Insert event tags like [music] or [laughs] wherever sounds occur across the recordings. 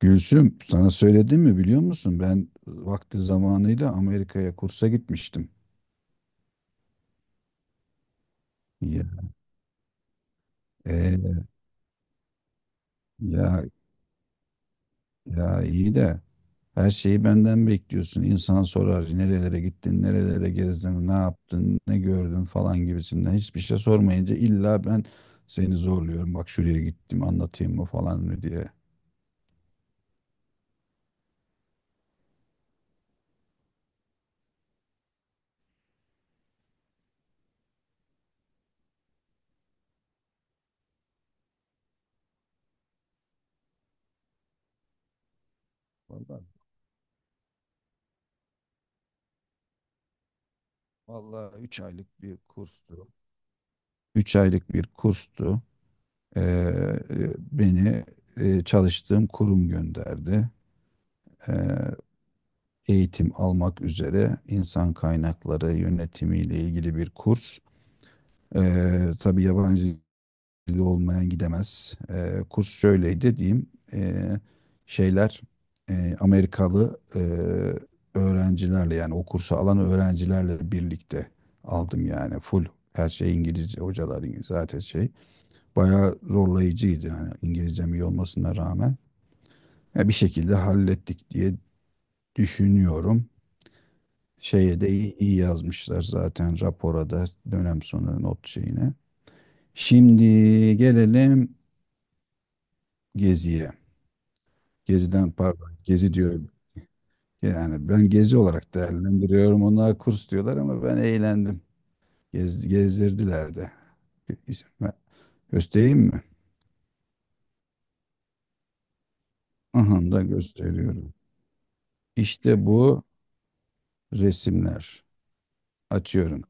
Gülsüm, sana söyledim mi biliyor musun? Ben vakti zamanıyla Amerika'ya kursa gitmiştim. Ya, e, ya, ya iyi de. Her şeyi benden bekliyorsun. İnsan sorar nerelere gittin, nerelere gezdin, ne yaptın, ne gördün falan gibisinden. Hiçbir şey sormayınca illa ben seni zorluyorum. Bak şuraya gittim anlatayım mı falan mı diye. Vallahi, vallahi, 3 aylık bir kurstu. 3 aylık bir kurstu. Beni çalıştığım kurum gönderdi. Ee, Eğitim almak üzere insan kaynakları yönetimiyle ilgili bir kurs. Tabii yabancı dili olmayan gidemez. Kurs şöyleydi diyeyim. Ee, Şeyler Amerikalı öğrencilerle, yani o kursu alan öğrencilerle birlikte aldım. Yani full, her şey İngilizce, hocalar İngilizce zaten şey. Bayağı zorlayıcıydı yani, İngilizcem iyi olmasına rağmen. Ya bir şekilde hallettik diye düşünüyorum. Şeye de iyi, iyi yazmışlar zaten rapora da, dönem sonu not şeyine. Şimdi gelelim Gezi'ye. Gezi'den, pardon, Gezi diyorum. Yani ben Gezi olarak değerlendiriyorum. Onlar kurs diyorlar ama ben eğlendim. Gezdirdiler de. İsim ver- Göstereyim mi? Aha da gösteriyorum. İşte bu resimler. Açıyorum.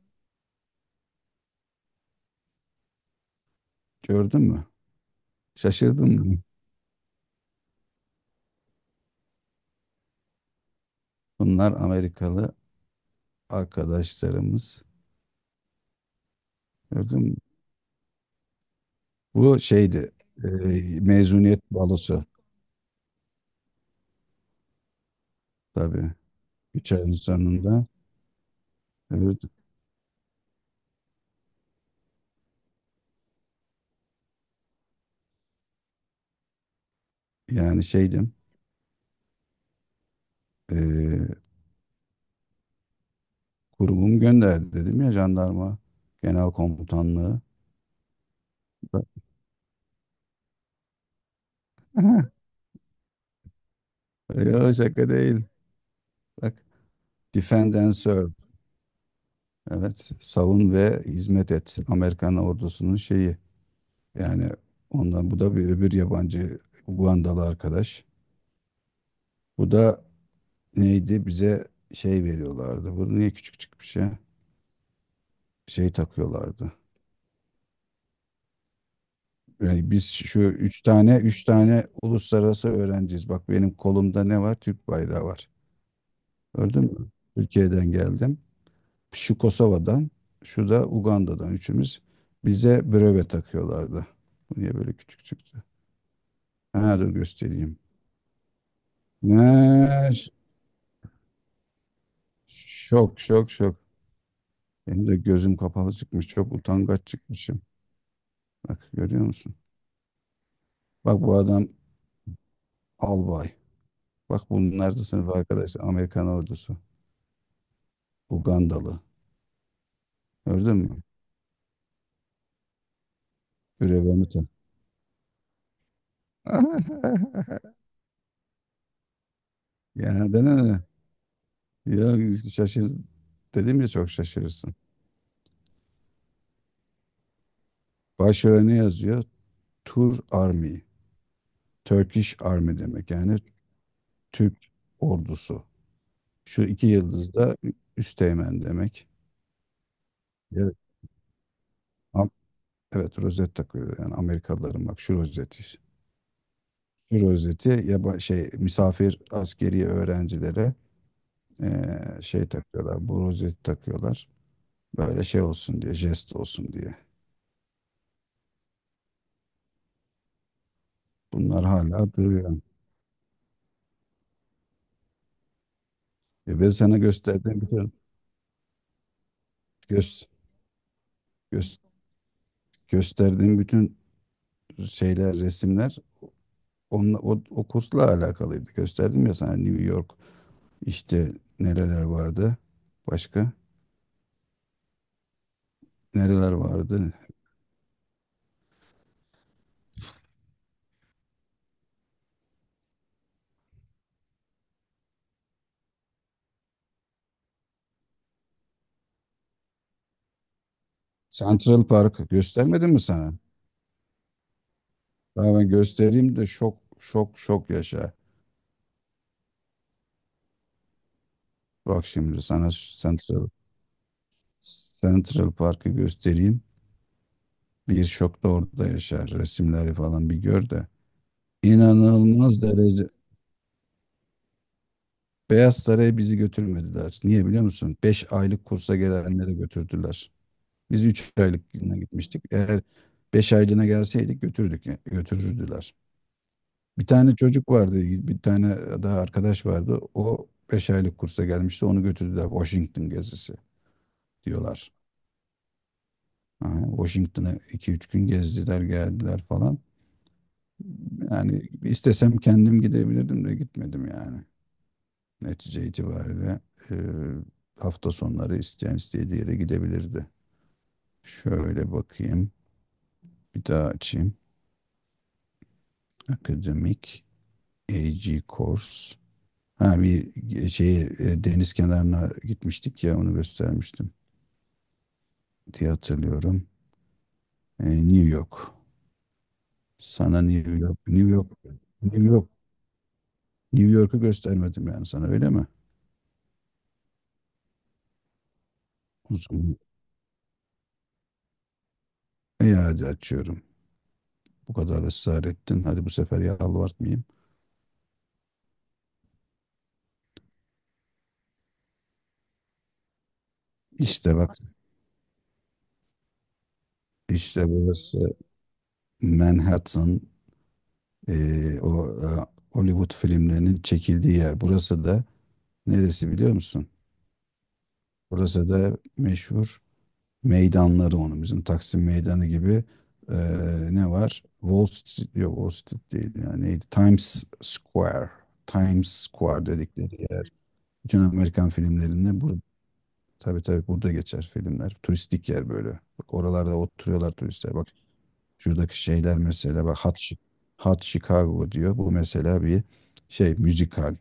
Gördün mü? Şaşırdın mı? Bunlar Amerikalı arkadaşlarımız. Gördün mü? Bu şeydi. e, Mezuniyet balosu tabii. 3 ayın sonunda. Evet, yani şeydim. e, Kurumum gönderdi dedim ya, jandarma genel komutanlığı. Bak, [laughs] yok şaka değil. Bak, Defend and Serve. Evet. Savun ve hizmet et. Amerikan ordusunun şeyi. Yani ondan, bu da bir öbür yabancı, Ugandalı arkadaş. Bu da neydi? Bize şey veriyorlardı. Bu niye küçük çıkmış ya? Şey takıyorlardı. Yani biz şu üç tane uluslararası öğrenciyiz. Bak, benim kolumda ne var? Türk bayrağı var. Gördün mü? Türkiye'den geldim. Şu Kosova'dan, şu da Uganda'dan, üçümüz. Bize breve takıyorlardı. Bu niye böyle küçük çıktı? Ha, dur göstereyim. Ne? Şok, şok, şok. Benim de gözüm kapalı çıkmış. Çok utangaç çıkmışım. Bak, görüyor musun? Bak, bu adam albay. Bak, bunlar da sınıf arkadaşlar. Amerikan ordusu. Ugandalı. Gördün mü? Brevenuta. [laughs] Yani de ne? [laughs] Ya şaşır. Dedim ya, çok şaşırırsın. Başörene ne yazıyor? Tur Army. Turkish Army demek. Yani Türk ordusu. Şu iki yıldız da üsteğmen demek. Evet. Am- Evet, rozet takıyor, yani Amerikalıların, bak şu rozeti. Şu rozeti ya, şey, misafir askeri öğrencilere şey takıyorlar, bu rozeti takıyorlar. Böyle şey olsun diye, jest olsun diye. Bunlar hala duruyor. Ben sana gösterdiğim bütün göz, göz, gösterdiğim bütün şeyler, resimler onunla, o kursla alakalıydı. Gösterdim ya sana, New York, işte nereler vardı, başka nereler vardı. Central Park göstermedim mi sana? Daha ben göstereyim de şok şok şok yaşa. Bak şimdi sana Central Central Park'ı göstereyim. Bir şok da orada yaşar. Resimleri falan bir gör de. İnanılmaz derece. Beyaz Saray'a bizi götürmediler. Niye biliyor musun? 5 aylık kursa gelenleri götürdüler. Biz 3 aylığına gitmiştik. Eğer 5 aylığına gelseydik götürürdüler. Bir tane çocuk vardı, bir tane daha arkadaş vardı. O 5 aylık kursa gelmişti. Onu götürdüler. Washington gezisi diyorlar. Ha, Washington'ı 2-3 gün gezdiler, geldiler falan. Yani istesem kendim gidebilirdim de gitmedim yani. Netice itibariyle, e, hafta sonları isteyen istediği yere gidebilirdi. Şöyle bakayım. Bir daha açayım. Akademik AG Course. Ha, şey, deniz kenarına gitmiştik ya, onu göstermiştim diye hatırlıyorum. New York. Sana New York, New York'u göstermedim yani sana, öyle mi? Uzun. Hadi açıyorum. Bu kadar ısrar ettin. Hadi bu sefer yalvartmayayım. İşte bak, işte burası Manhattan, o Hollywood filmlerinin çekildiği yer. Burası da neresi biliyor musun? Burası da meşhur meydanları onun. Bizim Taksim Meydanı gibi, ne var? Wall Street, yok Wall Street değil. Yani neydi? Times Square. Times Square dedikleri yer. Bütün Amerikan filmlerinde. Tabii tabii, burada geçer filmler. Turistik yer böyle. Bak, oralarda oturuyorlar turistler. Bak, şuradaki şeyler mesela, bak, Hot Chicago diyor. Bu mesela bir şey, müzikal.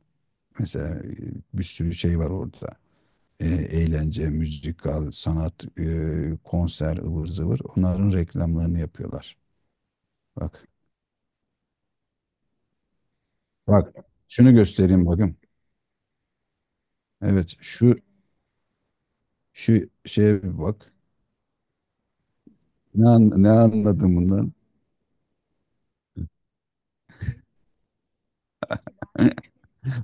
Mesela, bir sürü şey var orada. Eğlence, müzikal, sanat, konser, ıvır zıvır. Onların reklamlarını yapıyorlar. Bak. Bak. Şunu göstereyim, bakın. Evet, şu şeye bir bak. Ne anladım bundan?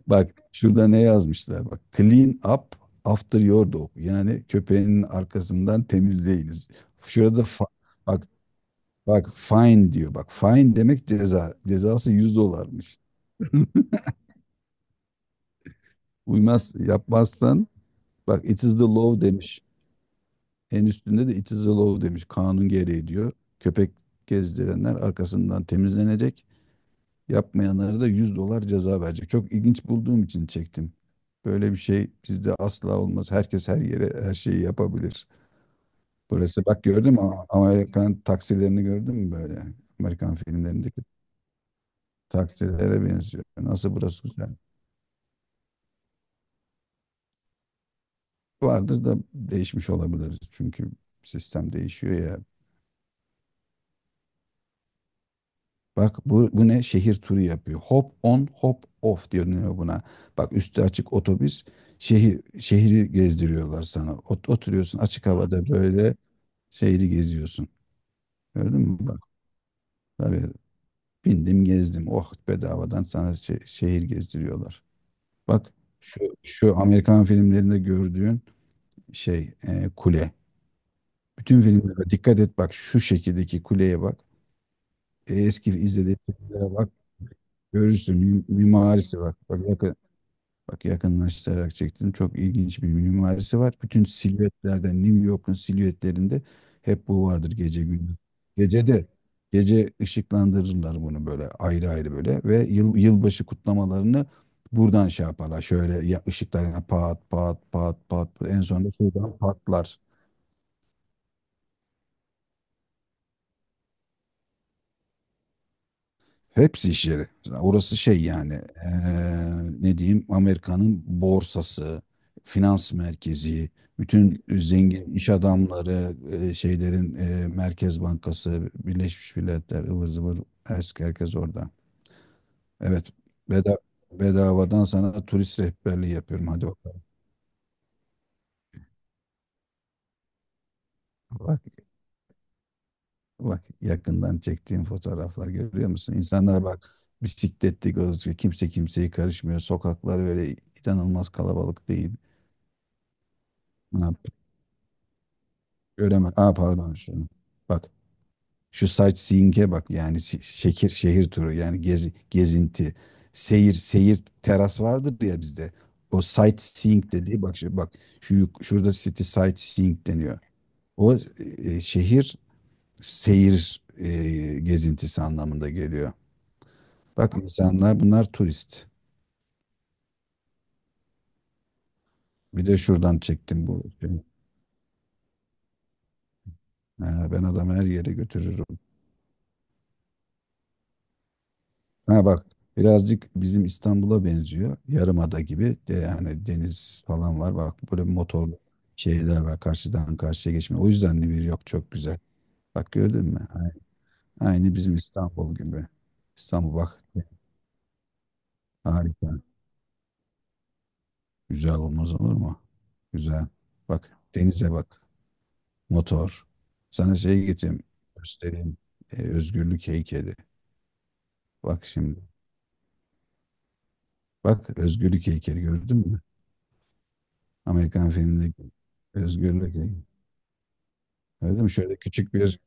Bak şurada ne yazmışlar, bak. Clean up after your dog. Yani, köpeğinin arkasından temizleyiniz. Şurada bak bak fine diyor. Bak, fine demek ceza. Cezası 100 dolarmış. Uymaz yapmazsan, bak, it is the law demiş. En üstünde de it is the law demiş. Kanun gereği diyor. Köpek gezdirenler arkasından temizlenecek. Yapmayanlara da 100 dolar ceza verecek. Çok ilginç bulduğum için çektim. Böyle bir şey bizde asla olmaz. Herkes her yere her şeyi yapabilir. Burası bak, gördün mü? Amerikan taksilerini gördün mü böyle? Amerikan filmlerindeki taksilere benziyor. Nasıl, burası güzel? Vardır da değişmiş olabilir. Çünkü sistem değişiyor ya. Bak bu ne? Şehir turu yapıyor. Hop on hop off deniyor buna. Bak, üstü açık otobüs şehri gezdiriyorlar sana. Oturuyorsun açık havada böyle, şehri geziyorsun. Gördün mü? Bak, tabii bindim gezdim. Oh, bedavadan sana şehir gezdiriyorlar. Bak, şu Amerikan filmlerinde gördüğün şey, kule. Bütün filmlere dikkat et, bak şu şekildeki kuleye bak. Eski izlediğin filmlere bak. Görürsün, mimarisi, bak. Bak yakınlaştırarak çektim. Çok ilginç bir mimarisi var. Bütün silüetlerde, New York'un silüetlerinde hep bu vardır, gece gündüz. Gecede, Gece ışıklandırırlar bunu böyle ayrı ayrı böyle ve yılbaşı kutlamalarını buradan şey yaparlar. Şöyle ya, ışıklarına pat pat pat pat, en sonunda şuradan patlar. Hepsi iş yeri. Orası şey yani, eee, ne diyeyim, Amerika'nın borsası, finans merkezi, bütün zengin iş adamları, şeylerin, Merkez Bankası, Birleşmiş Milletler, ıvır zıvır, herkes orada. Evet, beda, bedavadan sana turist rehberliği yapıyorum. Hadi bakalım. Bak, bak, yakından çektiğim fotoğraflar, görüyor musun? İnsanlar bak, bisikletli gözüküyor. Kimse kimseye karışmıyor. Sokaklar böyle inanılmaz kalabalık değil. Göremez. Aa, pardon. Şunu. Bak şu sightseeing'e bak, yani şehir turu, yani gezi, gezinti. Seyir teras vardır ya bizde. O sightseeing dediği, bak şu, bak şurada city sightseeing deniyor. O, şehir seyir, gezintisi anlamında geliyor. Bak, insanlar, bunlar turist. Bir de şuradan çektim bu. Ha, ben adamı her yere götürürüm. Ha bak, birazcık bizim İstanbul'a benziyor. Yarımada gibi de, yani deniz falan var. Bak, böyle motorlu şeyler var. Karşıdan karşıya geçme. O yüzden nehir yok, çok güzel. Bak, gördün mü? Aynı bizim İstanbul gibi. İstanbul bak harika. Güzel olmaz olur mu? Güzel. Bak denize bak. Motor. Sana şey getireyim. Göstereyim. Özgürlük heykeli. Bak şimdi. Bak, özgürlük heykeli gördün mü? Amerikan filmindeki özgürlük heykeli. Öyle değil mi? Şöyle küçük bir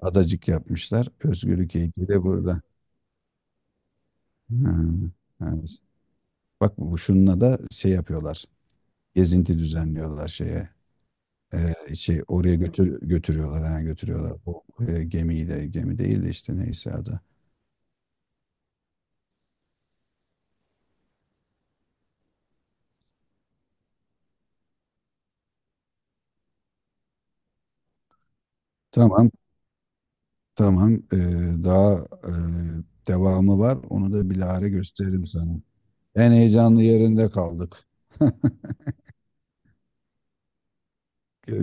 adacık yapmışlar. Özgürlük heykeli de burada. Ha, evet. Bak bu şununla da şey yapıyorlar. Gezinti düzenliyorlar şeye. Şey oraya götürüyorlar. Ha, götürüyorlar. O, gemiyi de, gemi değil de, işte neyse adı. Tamam tamam. Daha, e, devamı var. Onu da bilahare gösteririm sana. En heyecanlı yerinde kaldık. [laughs]